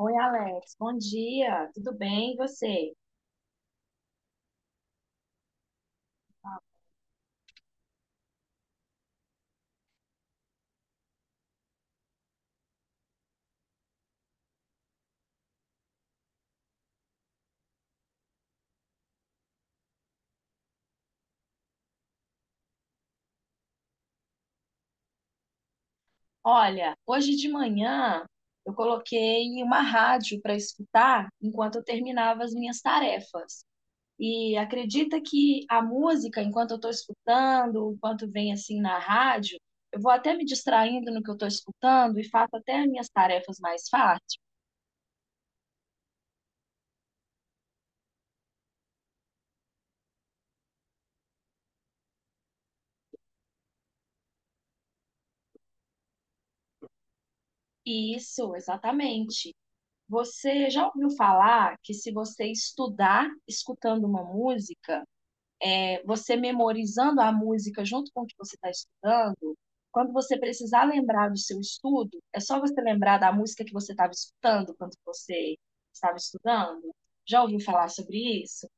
Oi, Alex. Bom dia. Tudo bem? E você? Olha, hoje de manhã eu coloquei uma rádio para escutar enquanto eu terminava as minhas tarefas. E acredita que a música, enquanto eu estou escutando, enquanto vem assim na rádio, eu vou até me distraindo no que eu estou escutando e faço até as minhas tarefas mais fáceis. Isso, exatamente. Você já ouviu falar que se você estudar escutando uma música, você memorizando a música junto com o que você está estudando, quando você precisar lembrar do seu estudo, é só você lembrar da música que você estava escutando quando você estava estudando. Já ouviu falar sobre isso?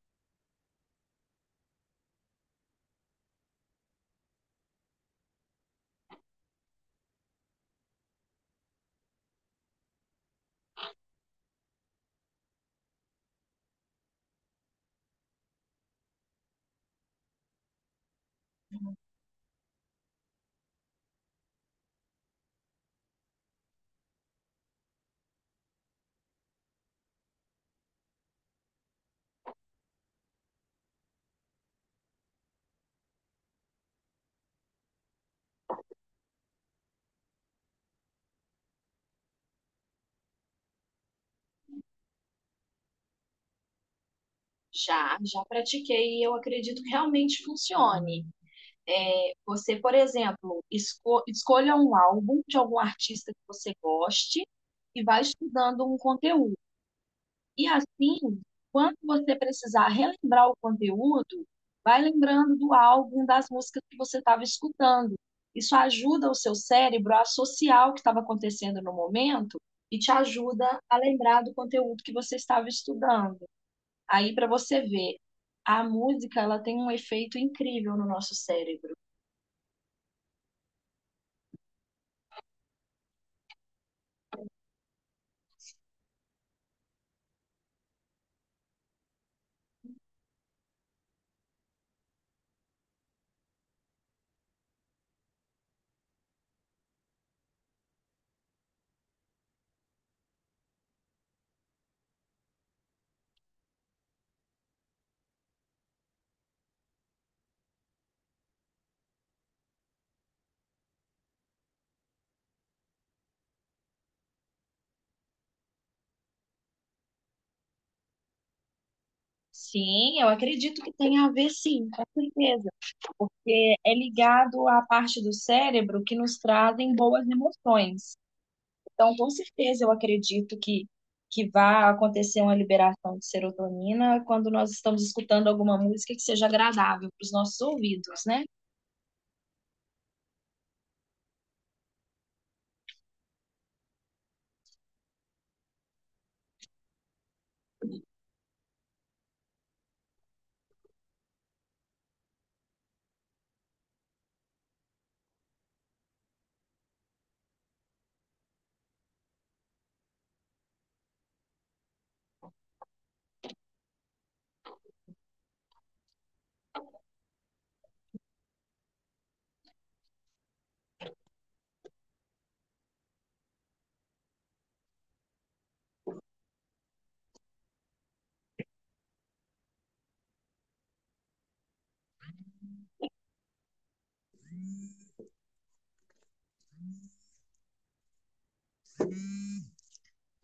Já, já pratiquei e eu acredito que realmente funcione. É, você, por exemplo, escolha um álbum de algum artista que você goste e vai estudando um conteúdo. E assim, quando você precisar relembrar o conteúdo, vai lembrando do álbum, das músicas que você estava escutando. Isso ajuda o seu cérebro a associar o que estava acontecendo no momento e te ajuda a lembrar do conteúdo que você estava estudando. Aí, para você ver, a música ela tem um efeito incrível no nosso cérebro. Sim, eu acredito que tem a ver, sim, com certeza, porque é ligado à parte do cérebro que nos trazem boas emoções. Então, com certeza, eu acredito que vai acontecer uma liberação de serotonina quando nós estamos escutando alguma música que seja agradável para os nossos ouvidos, né?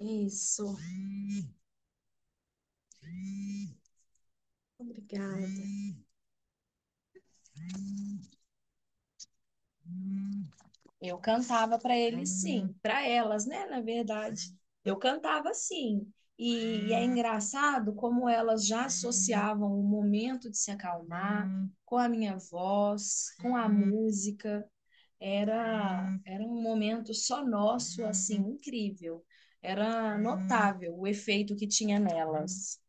Isso. Obrigada. Eu cantava para eles, sim, para elas, né? Na verdade, eu cantava sim. E é engraçado como elas já associavam o momento de se acalmar com a minha voz, com a música. Era, era um momento só nosso, assim, incrível. Era notável o efeito que tinha nelas.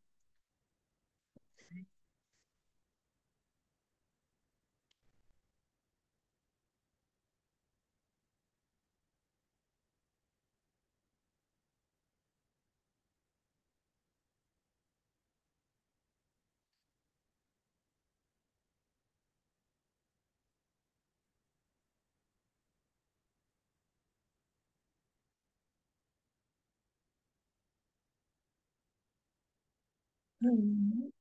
Uhum,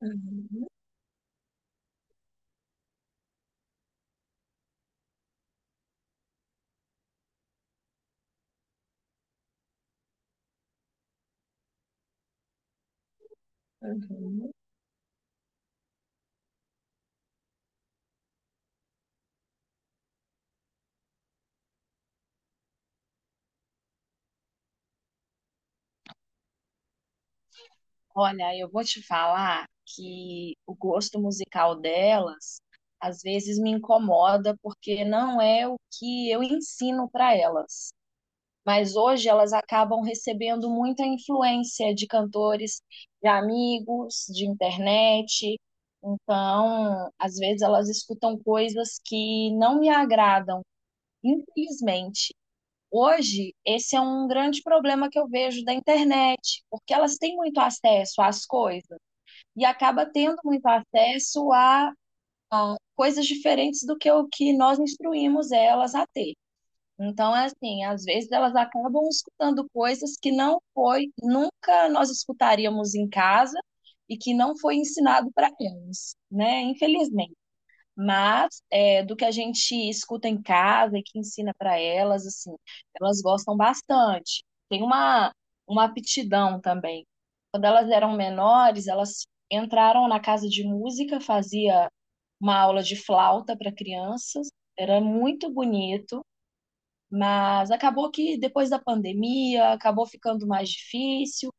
uhum, uhum. Olha, eu vou te falar que o gosto musical delas às vezes me incomoda porque não é o que eu ensino para elas. Mas hoje elas acabam recebendo muita influência de cantores, de amigos, de internet. Então, às vezes elas escutam coisas que não me agradam, infelizmente. Hoje, esse é um grande problema que eu vejo da internet, porque elas têm muito acesso às coisas e acaba tendo muito acesso a coisas diferentes do que o que nós instruímos elas a ter. Então, é assim, às vezes elas acabam escutando coisas que não foi, nunca nós escutaríamos em casa e que não foi ensinado para elas, né? Infelizmente. Mas é, do que a gente escuta em casa e que ensina para elas, assim, elas gostam bastante. Tem uma, uma aptidão também. Quando elas eram menores, elas entraram na casa de música, fazia uma aula de flauta para crianças, era muito bonito, mas acabou que depois da pandemia, acabou ficando mais difícil.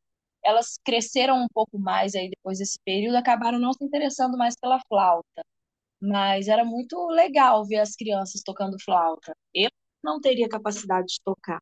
Elas cresceram um pouco mais aí depois desse período, acabaram não se interessando mais pela flauta. Mas era muito legal ver as crianças tocando flauta. Eu não teria capacidade de tocar.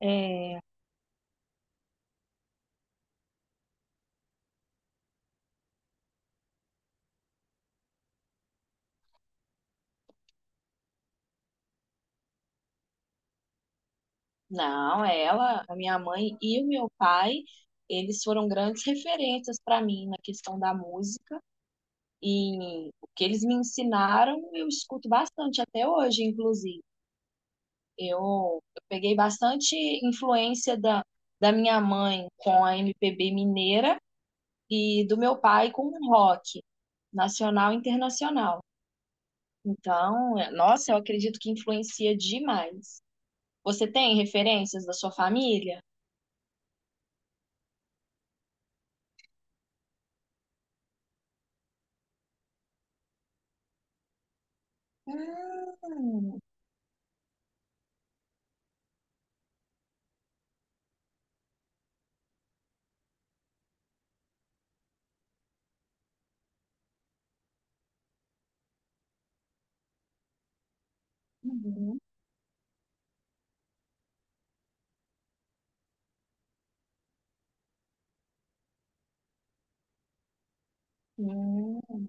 É, não, ela, a minha mãe e o meu pai, eles foram grandes referências para mim na questão da música. E o que eles me ensinaram, eu escuto bastante até hoje, inclusive. Eu, eu peguei bastante influência da minha mãe com a MPB mineira e do meu pai com o rock nacional e internacional. Então, nossa, eu acredito que influencia demais. Você tem referências da sua família? Hum, uhum, hum,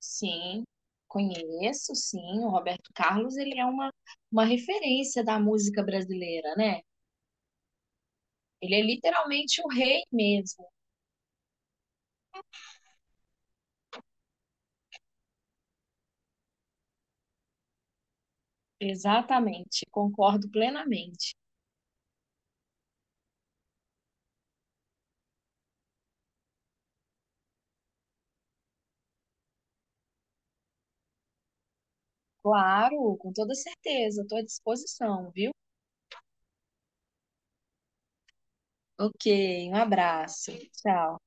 sim, conheço, sim. O Roberto Carlos, ele é uma referência da música brasileira, né? Ele é literalmente o rei mesmo. Exatamente, concordo plenamente. Claro, com toda certeza, estou à disposição, viu? Ok, um abraço. Tchau.